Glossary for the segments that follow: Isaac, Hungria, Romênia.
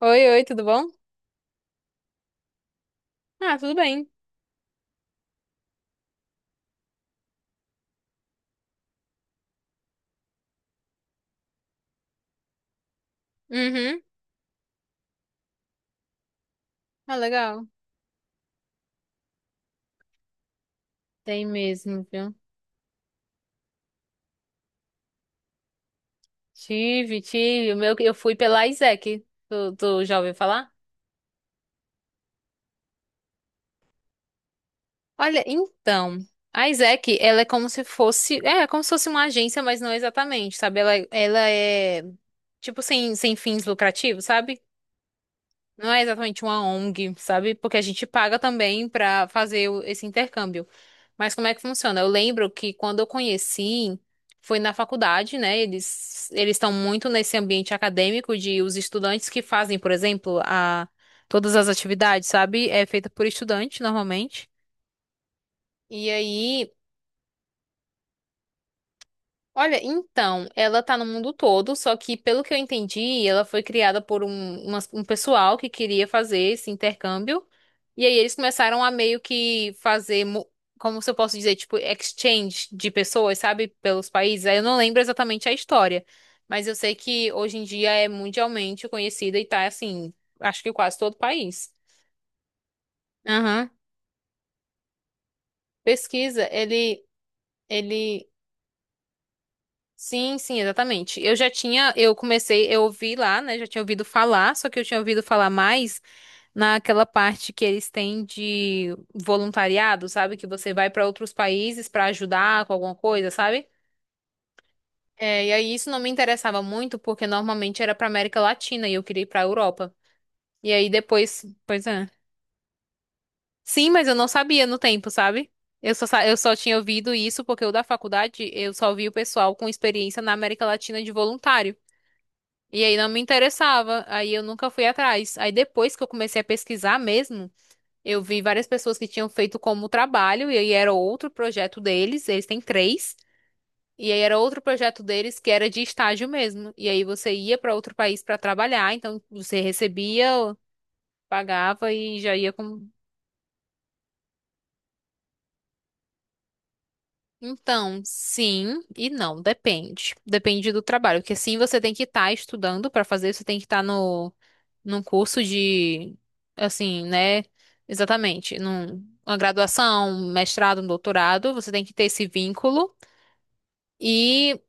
Oi, oi, tudo bom? Ah, tudo bem. Uhum. Ah, legal. Tem mesmo, viu? Tive, tive. O meu, eu fui pela Isaac. Tu já ouviu falar? Olha, então, a Isaac, ela é como se fosse, é, é como se fosse uma agência, mas não exatamente, sabe? Ela é tipo sem fins lucrativos, sabe? Não é exatamente uma ONG, sabe? Porque a gente paga também pra fazer esse intercâmbio. Mas como é que funciona? Eu lembro que quando eu conheci, foi na faculdade, né? Eles estão muito nesse ambiente acadêmico de os estudantes que fazem, por exemplo, a todas as atividades, sabe? É feita por estudante normalmente. E aí olha, então, ela tá no mundo todo, só que pelo que eu entendi, ela foi criada por um pessoal que queria fazer esse intercâmbio. E aí eles começaram a meio que fazer, como se eu posso dizer, tipo, exchange de pessoas, sabe, pelos países. Aí eu não lembro exatamente a história, mas eu sei que hoje em dia é mundialmente conhecida e tá assim, acho que quase todo o país. Aham. Pesquisa, ele. Ele Sim, sim, exatamente. Eu já tinha, eu comecei, eu ouvi lá, né? Já tinha ouvido falar, só que eu tinha ouvido falar mais naquela parte que eles têm de voluntariado, sabe? Que você vai para outros países para ajudar com alguma coisa, sabe? É, e aí isso não me interessava muito, porque normalmente era para América Latina e eu queria ir para Europa. E aí depois, pois é. Sim, mas eu não sabia no tempo, sabe? Eu só tinha ouvido isso porque o da faculdade eu só vi o pessoal com experiência na América Latina de voluntário. E aí não me interessava, aí eu nunca fui atrás. Aí depois que eu comecei a pesquisar mesmo, eu vi várias pessoas que tinham feito como trabalho, e aí era outro projeto deles, eles têm três, e aí era outro projeto deles que era de estágio mesmo. E aí você ia para outro país para trabalhar, então você recebia, pagava e já ia. Então, sim e não, depende. Depende do trabalho, porque sim, você tem que estar estudando para fazer, você tem que estar no num curso de assim, né? Exatamente, num uma graduação, um mestrado, um doutorado, você tem que ter esse vínculo. e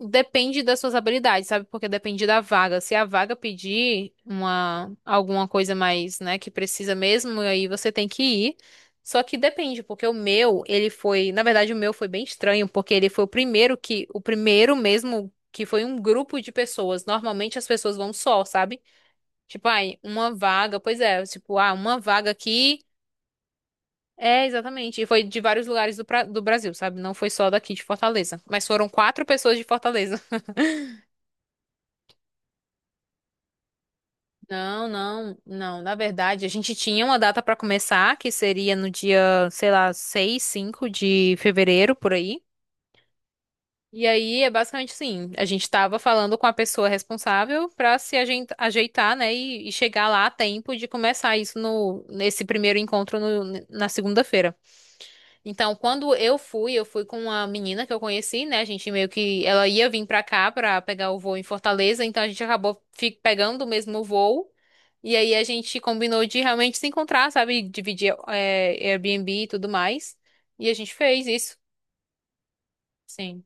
Depende das suas habilidades, sabe? Porque depende da vaga. Se a vaga pedir uma alguma coisa mais, né, que precisa mesmo, aí você tem que ir. Só que depende, porque o meu, ele foi, na verdade, o meu foi bem estranho, porque ele foi o primeiro que, o primeiro mesmo que foi um grupo de pessoas. Normalmente as pessoas vão só, sabe? Tipo, ai, uma vaga, pois é, tipo, ah, uma vaga aqui. É, exatamente. E foi de vários lugares do, do Brasil, sabe? Não foi só daqui de Fortaleza. Mas foram quatro pessoas de Fortaleza. Não, não, não. Na verdade, a gente tinha uma data para começar, que seria no dia, sei lá, 6, 5 de fevereiro, por aí. E aí é basicamente assim, a gente estava falando com a pessoa responsável para se ajeitar, né, e chegar lá a tempo de começar isso nesse primeiro encontro na segunda-feira. Então, quando eu fui com uma menina que eu conheci, né? A gente meio que ela ia vir pra cá pra pegar o voo em Fortaleza, então a gente acabou pegando o mesmo voo. E aí a gente combinou de realmente se encontrar, sabe? Dividir é, Airbnb e tudo mais. E a gente fez isso. Sim.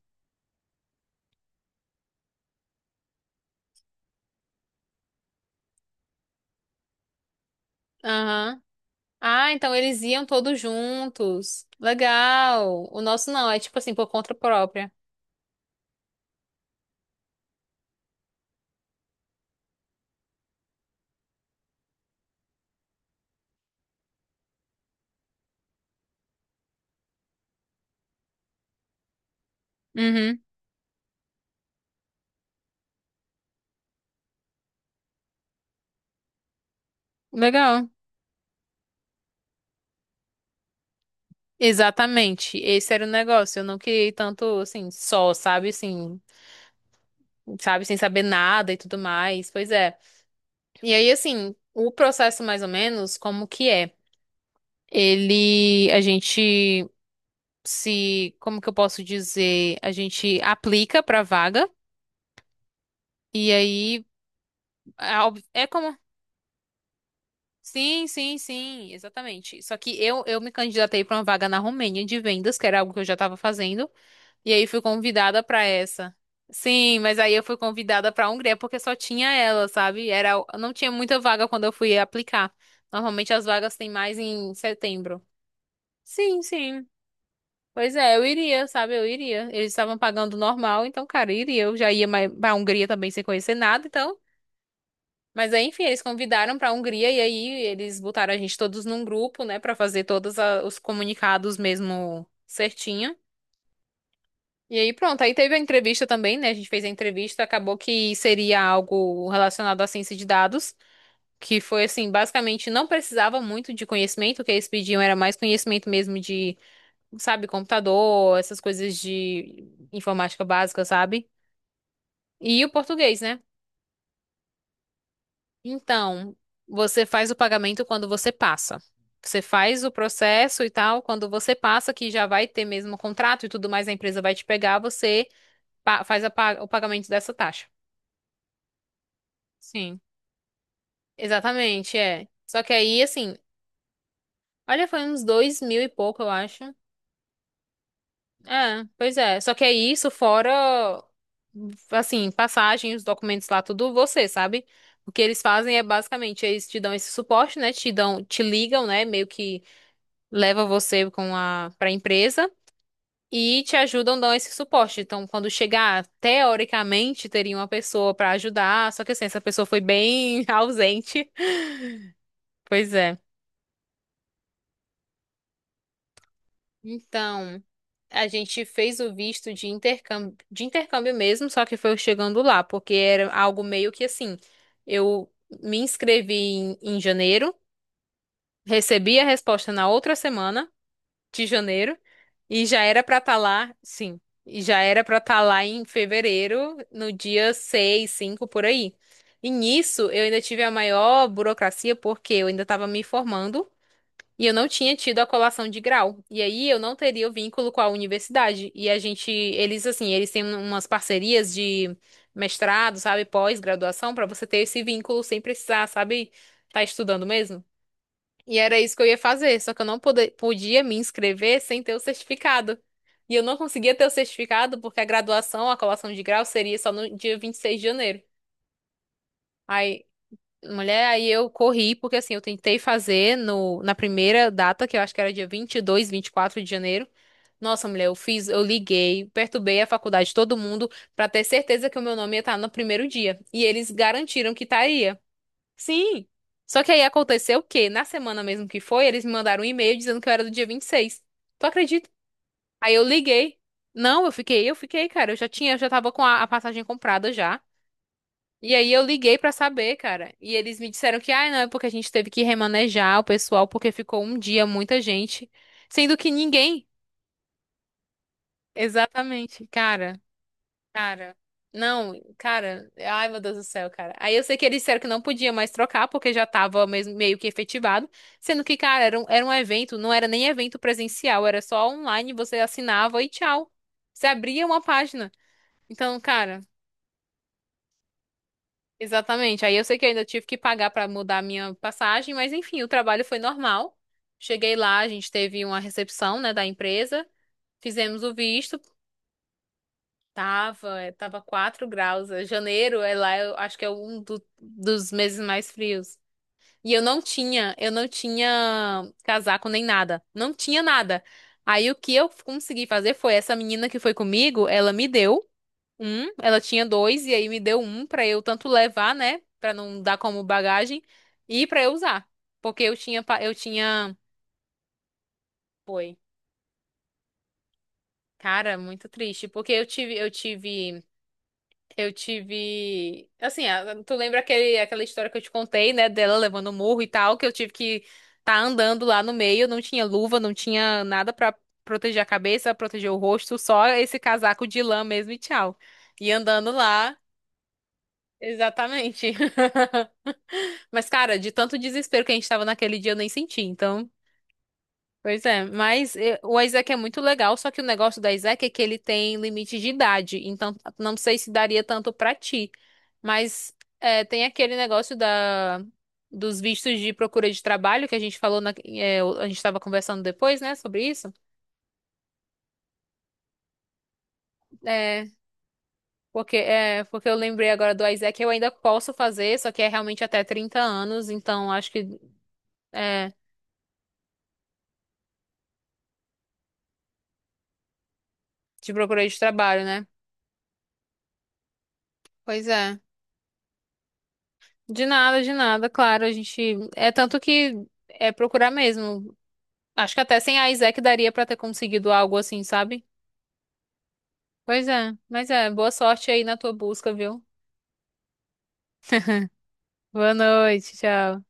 Aham. Ah, então eles iam todos juntos. Legal. O nosso não, é tipo assim, por conta própria. Uhum. Legal. Exatamente. Esse era o negócio. Eu não queria ir tanto assim, só, sabe? Assim, sabe, sem saber nada e tudo mais. Pois é. E aí, assim, o processo mais ou menos, como que é? Ele, a gente se, como que eu posso dizer? A gente aplica pra vaga e aí é é como sim, sim, sim, exatamente. Só que eu me candidatei pra uma vaga na Romênia de vendas, que era algo que eu já estava fazendo. E aí fui convidada pra essa. Sim, mas aí eu fui convidada pra Hungria porque só tinha ela, sabe? Era, não tinha muita vaga quando eu fui aplicar. Normalmente as vagas têm mais em setembro. Sim, sim. Pois é, eu iria, sabe? Eu iria. Eles estavam pagando normal, então, cara, eu iria. Eu já ia mais pra Hungria também sem conhecer nada, então. Mas aí, enfim, eles convidaram pra Hungria e aí eles botaram a gente todos num grupo, né, pra fazer todos os comunicados mesmo certinho. E aí, pronto, aí teve a entrevista também, né? A gente fez a entrevista, acabou que seria algo relacionado à ciência de dados, que foi assim, basicamente não precisava muito de conhecimento, o que eles pediam era mais conhecimento mesmo de, sabe, computador, essas coisas de informática básica, sabe? E o português, né? Então, você faz o pagamento quando você passa. Você faz o processo e tal, quando você passa, que já vai ter mesmo o contrato e tudo mais, a empresa vai te pegar, você o pagamento dessa taxa. Sim. Exatamente, é. Só que aí, assim, olha, foi uns 2 mil e pouco, eu acho. É, pois é. Só que é isso, fora, assim, passagem, os documentos lá, tudo você, sabe? O que eles fazem é basicamente, eles te dão esse suporte, né? Te dão, te ligam, né? Meio que leva você com a, pra empresa e te ajudam, dão esse suporte. Então, quando chegar, teoricamente, teria uma pessoa pra ajudar, só que assim, essa pessoa foi bem ausente. Pois é. Então, a gente fez o visto de intercâmbio mesmo, só que foi eu chegando lá, porque era algo meio que assim, eu me inscrevi em janeiro, recebi a resposta na outra semana de janeiro e já era pra estar lá, sim, e já era pra estar lá em fevereiro, no dia 6, 5 por aí. E nisso eu ainda tive a maior burocracia porque eu ainda estava me formando. E eu não tinha tido a colação de grau. E aí eu não teria o vínculo com a universidade. E a gente, eles assim, eles têm umas parcerias de mestrado, sabe, pós-graduação, pra você ter esse vínculo sem precisar, sabe, tá estudando mesmo. E era isso que eu ia fazer, só que eu não pode- podia me inscrever sem ter o certificado. E eu não conseguia ter o certificado porque a graduação, a colação de grau seria só no dia 26 de janeiro. Aí Mulher, aí eu corri, porque assim, eu tentei fazer no, na primeira data, que eu acho que era dia 20, 22, 24 de janeiro. Nossa, mulher, eu fiz, eu liguei, perturbei a faculdade, de todo mundo, pra ter certeza que o meu nome ia estar no primeiro dia. E eles garantiram que estaria. Sim. Só que aí aconteceu o quê? Na semana mesmo que foi, eles me mandaram um e-mail dizendo que eu era do dia 26. Tu acredita? Aí eu liguei. Não, eu fiquei, cara, eu já tinha, eu já tava com a passagem comprada já. E aí eu liguei pra saber, cara. E eles me disseram que, ah, não, é porque a gente teve que remanejar o pessoal porque ficou um dia muita gente, sendo que ninguém. Exatamente, cara, cara. Não, cara, ai meu Deus do céu, cara. Aí eu sei que eles disseram que não podia mais trocar porque já tava mesmo meio que efetivado, sendo que, cara, era um evento, não era nem evento presencial, era só online, você assinava e tchau. Você abria uma página. Então, cara, exatamente. Aí eu sei que eu ainda tive que pagar para mudar a minha passagem, mas enfim, o trabalho foi normal. Cheguei lá, a gente teve uma recepção, né, da empresa, fizemos o visto, tava, eh, tava 4 graus. Eh, janeiro é lá, eu acho que é um dos meses mais frios. E eu não tinha casaco nem nada, não tinha nada. Aí o que eu consegui fazer foi essa menina que foi comigo, ela me deu um, ela tinha dois e aí me deu um pra eu tanto levar, né, pra não dar como bagagem e pra eu usar, porque eu tinha eu tinha. Foi. Cara, muito triste, porque eu tive eu tive assim, tu lembra aquele aquela história que eu te contei, né, dela levando o murro e tal, que eu tive que tá andando lá no meio, não tinha luva, não tinha nada pra proteger a cabeça, proteger o rosto, só esse casaco de lã mesmo e tchau. E andando lá, exatamente. Mas, cara, de tanto desespero que a gente tava naquele dia, eu nem senti, então. Pois é, mas eh, o Isaac é muito legal, só que o negócio do Isaac é que ele tem limite de idade, então não sei se daria tanto pra ti. Mas eh, tem aquele negócio da, dos vistos de procura de trabalho que a gente falou, na, eh, a gente tava conversando depois, né, sobre isso. É, porque, é, porque eu lembrei agora do Isaac, eu ainda posso fazer, só que é realmente até 30 anos, então acho que é, de procura de trabalho, né? Pois é. De nada, claro, a gente é tanto que é procurar mesmo. Acho que até sem a Isaac daria pra ter conseguido algo assim, sabe? Pois é, mas é, boa sorte aí na tua busca, viu? Boa noite, tchau.